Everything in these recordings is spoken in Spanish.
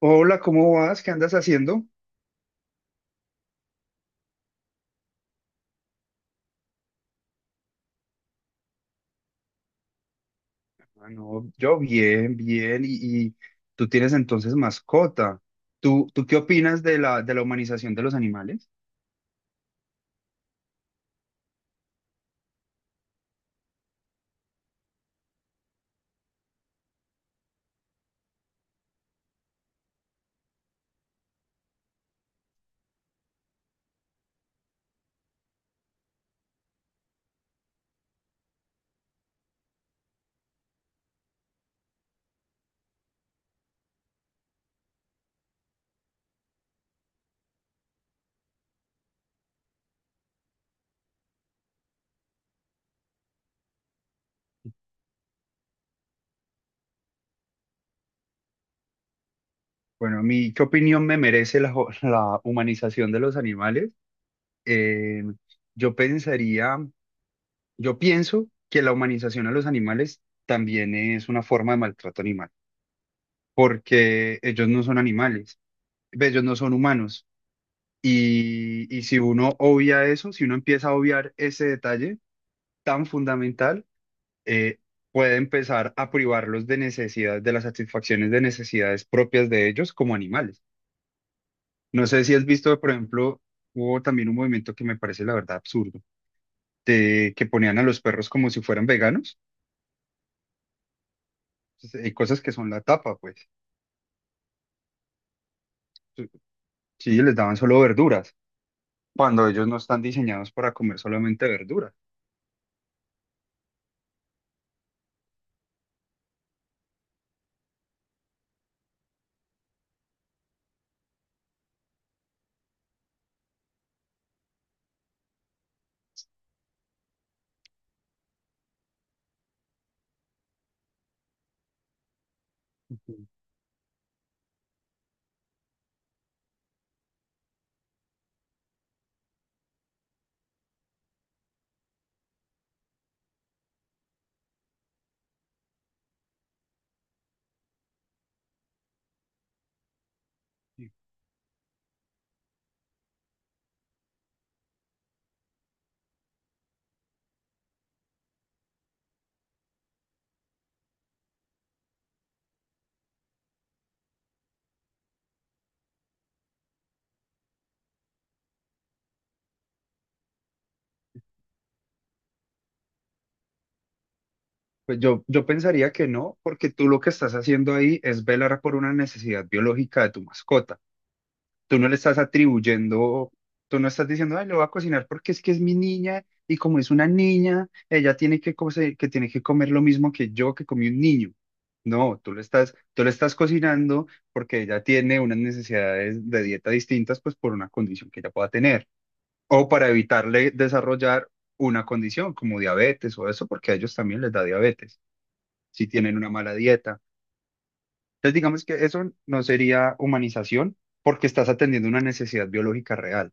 Hola, ¿cómo vas? ¿Qué andas haciendo? Ah, no, yo bien, bien. Y tú tienes entonces mascota. ¿Tú qué opinas de la humanización de los animales? Bueno, a mí, ¿qué opinión me merece la, la humanización de los animales? Eh, yo pensaría, yo pienso que la humanización a los animales también es una forma de maltrato animal, porque ellos no son animales, ve, ellos no son humanos. Y si uno obvia eso, si uno empieza a obviar ese detalle, tan fundamental, eh, puede empezar a privarlos de necesidades, de las satisfacciones de necesidades propias de ellos como animales. No sé si has visto, por ejemplo, hubo también un movimiento que me parece la verdad absurdo, de que ponían a los perros como si fueran veganos. Entonces, hay cosas que son la tapa, pues. Sí, sí, les daban solo verduras, cuando ellos no están diseñados para comer solamente verduras. Ujú. Pues yo pensaría que no, porque tú lo que estás haciendo ahí es velar por una necesidad biológica de tu mascota. Tú no le estás atribuyendo, tú no estás diciendo, ay, lo voy a cocinar porque es que es mi niña y como es una niña, ella tiene que, que tiene que comer lo mismo que yo que comí un niño. No, tú le estás cocinando porque ella tiene unas necesidades de dieta distintas, pues por una condición que ella pueda tener o para evitarle desarrollar una condición como diabetes o eso, porque a ellos también les da diabetes si tienen una mala dieta. Entonces, digamos que eso no sería humanización porque estás atendiendo una necesidad biológica real.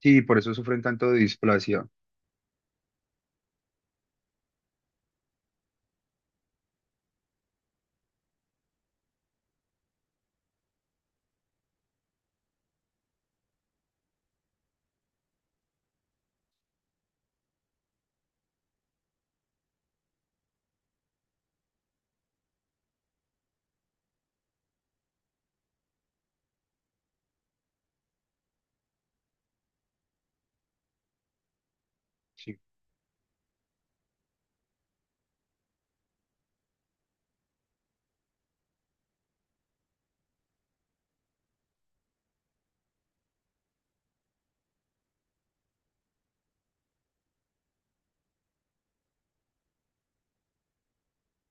Sí, por eso sufren tanto de displasia. Sí,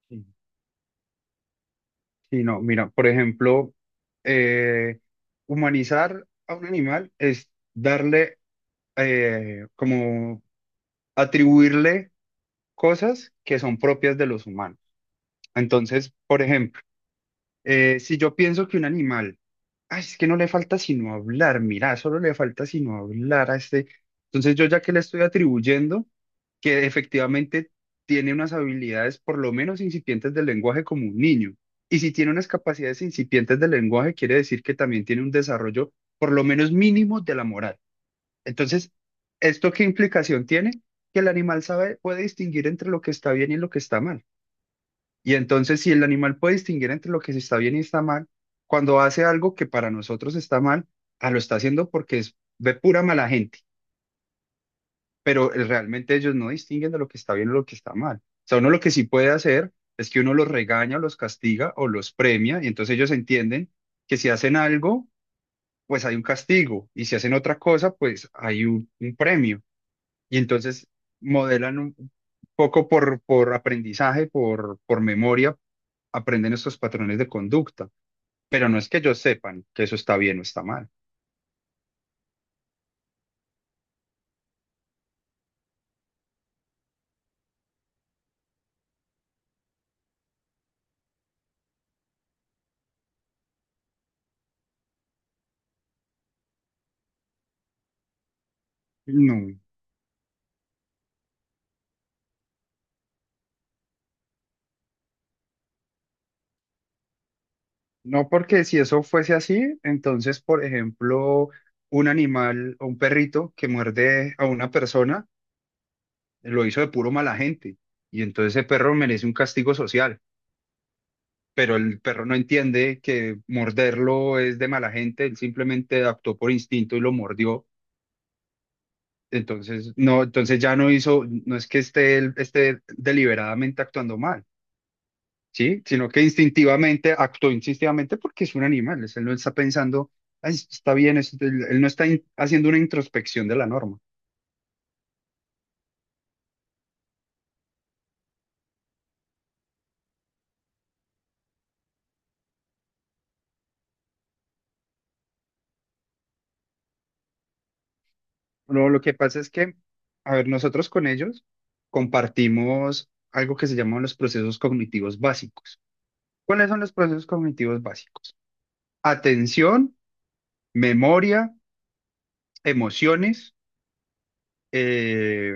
sí. Sí, no, mira, por ejemplo, eh, humanizar a un animal es darle, como atribuirle cosas que son propias de los humanos. Entonces, por ejemplo, si yo pienso que un animal, ay, es que no le falta sino hablar, mira, solo le falta sino hablar a este. Entonces yo ya que le estoy atribuyendo que efectivamente tiene unas habilidades por lo menos incipientes del lenguaje como un niño. Y si tiene unas capacidades incipientes del lenguaje, quiere decir que también tiene un desarrollo por lo menos mínimo de la moral. Entonces, ¿esto qué implicación tiene? Que el animal sabe, puede distinguir entre lo que está bien y lo que está mal. Y entonces, si el animal puede distinguir entre lo que se está bien y está mal, cuando hace algo que para nosotros está mal, ah, lo está haciendo porque es, ve pura mala gente, pero realmente ellos no distinguen de lo que está bien o lo que está mal. O sea, uno lo que sí puede hacer es que uno los regaña, o los castiga o los premia, y entonces ellos entienden que si hacen algo, pues hay un castigo, y si hacen otra cosa, pues hay un premio. Y entonces modelan un poco por aprendizaje, por memoria aprenden estos patrones de conducta, pero no es que ellos sepan que eso está bien o está mal. No, no porque si eso fuese así, entonces, por ejemplo, un animal o un perrito que muerde a una persona lo hizo de puro mala gente y entonces ese perro merece un castigo social. Pero el perro no entiende que morderlo es de mala gente, él simplemente actuó por instinto y lo mordió. Entonces, no, entonces ya no hizo, no es que esté, esté deliberadamente actuando mal, ¿sí? Sino que instintivamente, actuó instintivamente porque es un animal, él no está pensando, "Ay, está bien, él no está haciendo una introspección de la norma. No, lo que pasa es que, a ver, nosotros con ellos compartimos algo que se llaman los procesos cognitivos básicos. ¿Cuáles son los procesos cognitivos básicos? Atención, memoria, emociones, eh,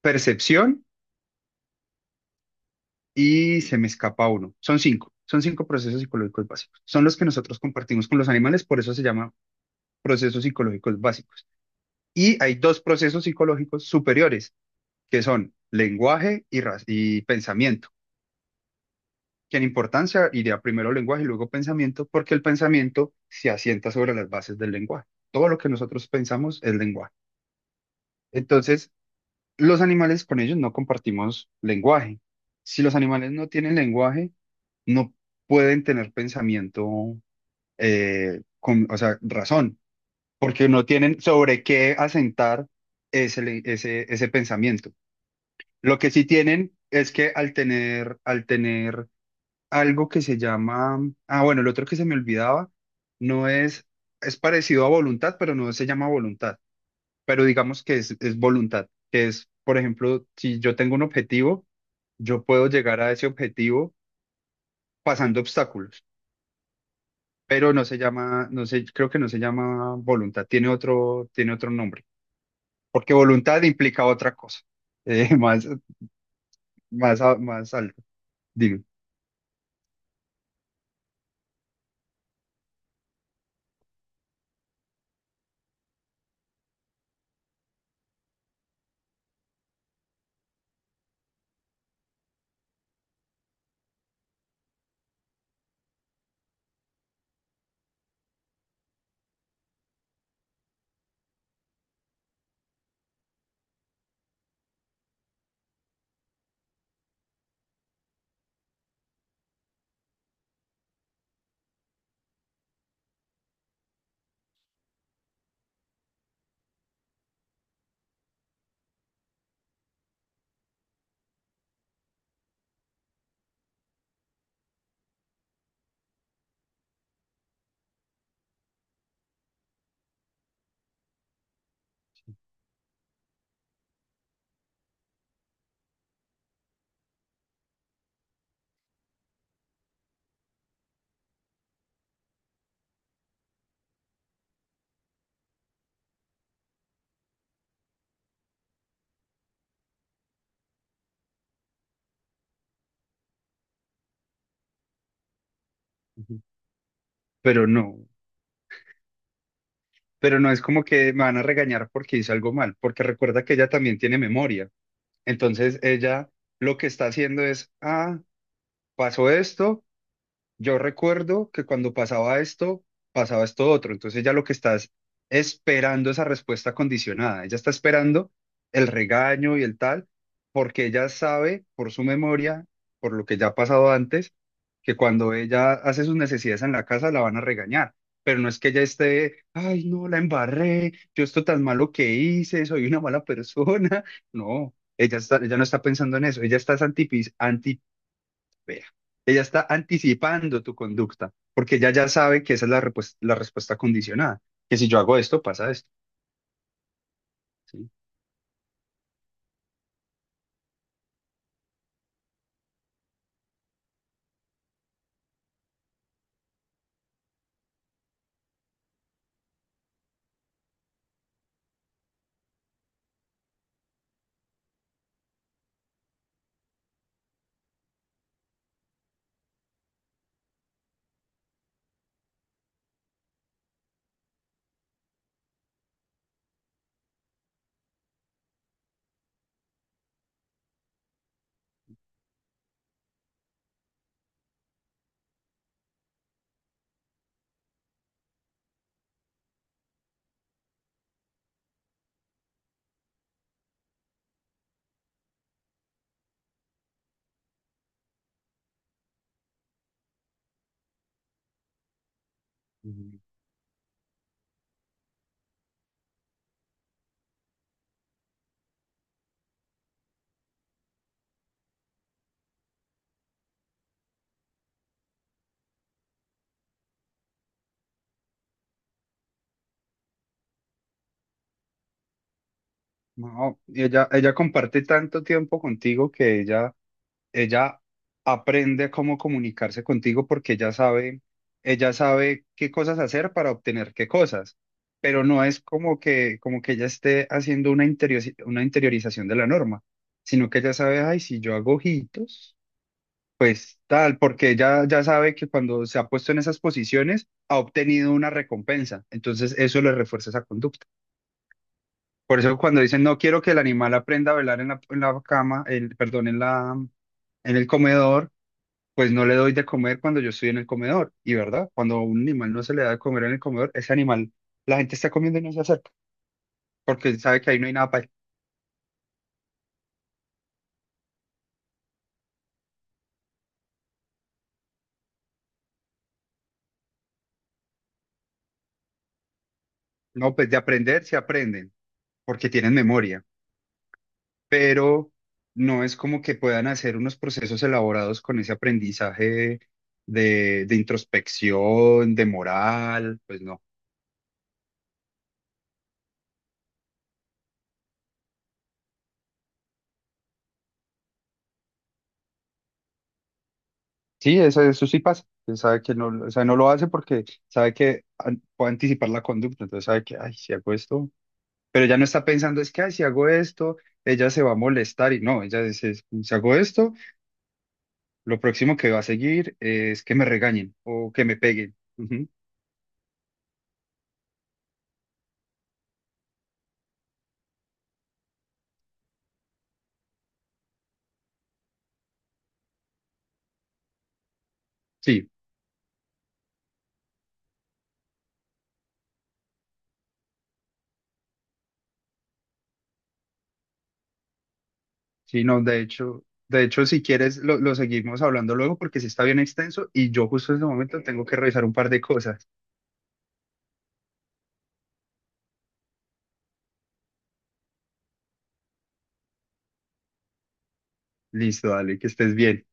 percepción y se me escapa uno. Son cinco procesos psicológicos básicos. Son los que nosotros compartimos con los animales, por eso se llama procesos psicológicos básicos. Y hay dos procesos psicológicos superiores, que son lenguaje y, y pensamiento, que en importancia iría primero lenguaje y luego pensamiento, porque el pensamiento se asienta sobre las bases del lenguaje. Todo lo que nosotros pensamos es lenguaje. Entonces, los animales con ellos no compartimos lenguaje. Si los animales no tienen lenguaje, no pueden tener pensamiento, con, o sea, razón, porque no tienen sobre qué asentar ese pensamiento. Lo que sí tienen es que al tener algo que se llama, ah, bueno, el otro que se me olvidaba, no es, es parecido a voluntad, pero no se llama voluntad, pero digamos que es voluntad, que es, por ejemplo, si yo tengo un objetivo, yo puedo llegar a ese objetivo pasando obstáculos. Pero no se llama, no sé, creo que no se llama voluntad, tiene tiene otro nombre, porque voluntad implica otra cosa, más, más alto. Dime. Ujú. Pero no, pero no es como que me van a regañar porque hice algo mal, porque recuerda que ella también tiene memoria, entonces ella lo que está haciendo es, ah, pasó esto. Yo recuerdo que cuando pasaba esto otro. Entonces ella lo que está es esperando esa respuesta condicionada. Ella está esperando el regaño y el tal, porque ella sabe por su memoria, por lo que ya ha pasado antes, que cuando ella hace sus necesidades en la casa la van a regañar. Pero no es que ella esté, ay, no, la embarré, yo esto tan malo que hice, soy una mala persona. No, ella no está pensando en eso. Ella está es Vea, ella está anticipando tu conducta, porque ella ya sabe que esa es la, la respuesta condicionada, que si yo hago esto, pasa esto, ¿sí? Ujú. No, ella comparte tanto tiempo contigo que ella aprende cómo comunicarse contigo porque ella sabe qué cosas hacer para obtener qué cosas, pero no es como que ella esté haciendo una una interiorización de la norma, sino que ella sabe, ay, si yo hago ojitos. Pues tal, porque ya sabe que cuando se ha puesto en esas posiciones ha obtenido una recompensa, entonces eso le refuerza esa conducta. Por eso cuando dicen no quiero que el animal aprenda a velar en la cama, el, perdón, en la, en el comedor, pues no le doy de comer cuando yo estoy en el comedor. Y verdad, cuando a un animal no se le da de comer en el comedor, ese animal, la gente está comiendo y no se acerca, porque sabe que ahí no hay nada para él. No, pues de aprender se aprenden, porque tienen memoria. Pero no es como que puedan hacer unos procesos elaborados con ese aprendizaje de introspección, de moral, pues no. Sí, eso sí pasa. Él sabe que no, o sea, no lo hace porque sabe que puede anticipar la conducta, entonces sabe que, ay, si hago esto, pero ya no está pensando, es que, ay, si hago esto, ella se va a molestar y no, ella dice, si hago esto, lo próximo que va a seguir es que me regañen o que me peguen. Ujú. Sí. Sí, no, de hecho, si quieres, lo seguimos hablando luego porque sí está bien extenso y yo justo en ese momento tengo que revisar un par de cosas. Listo, dale, que estés bien.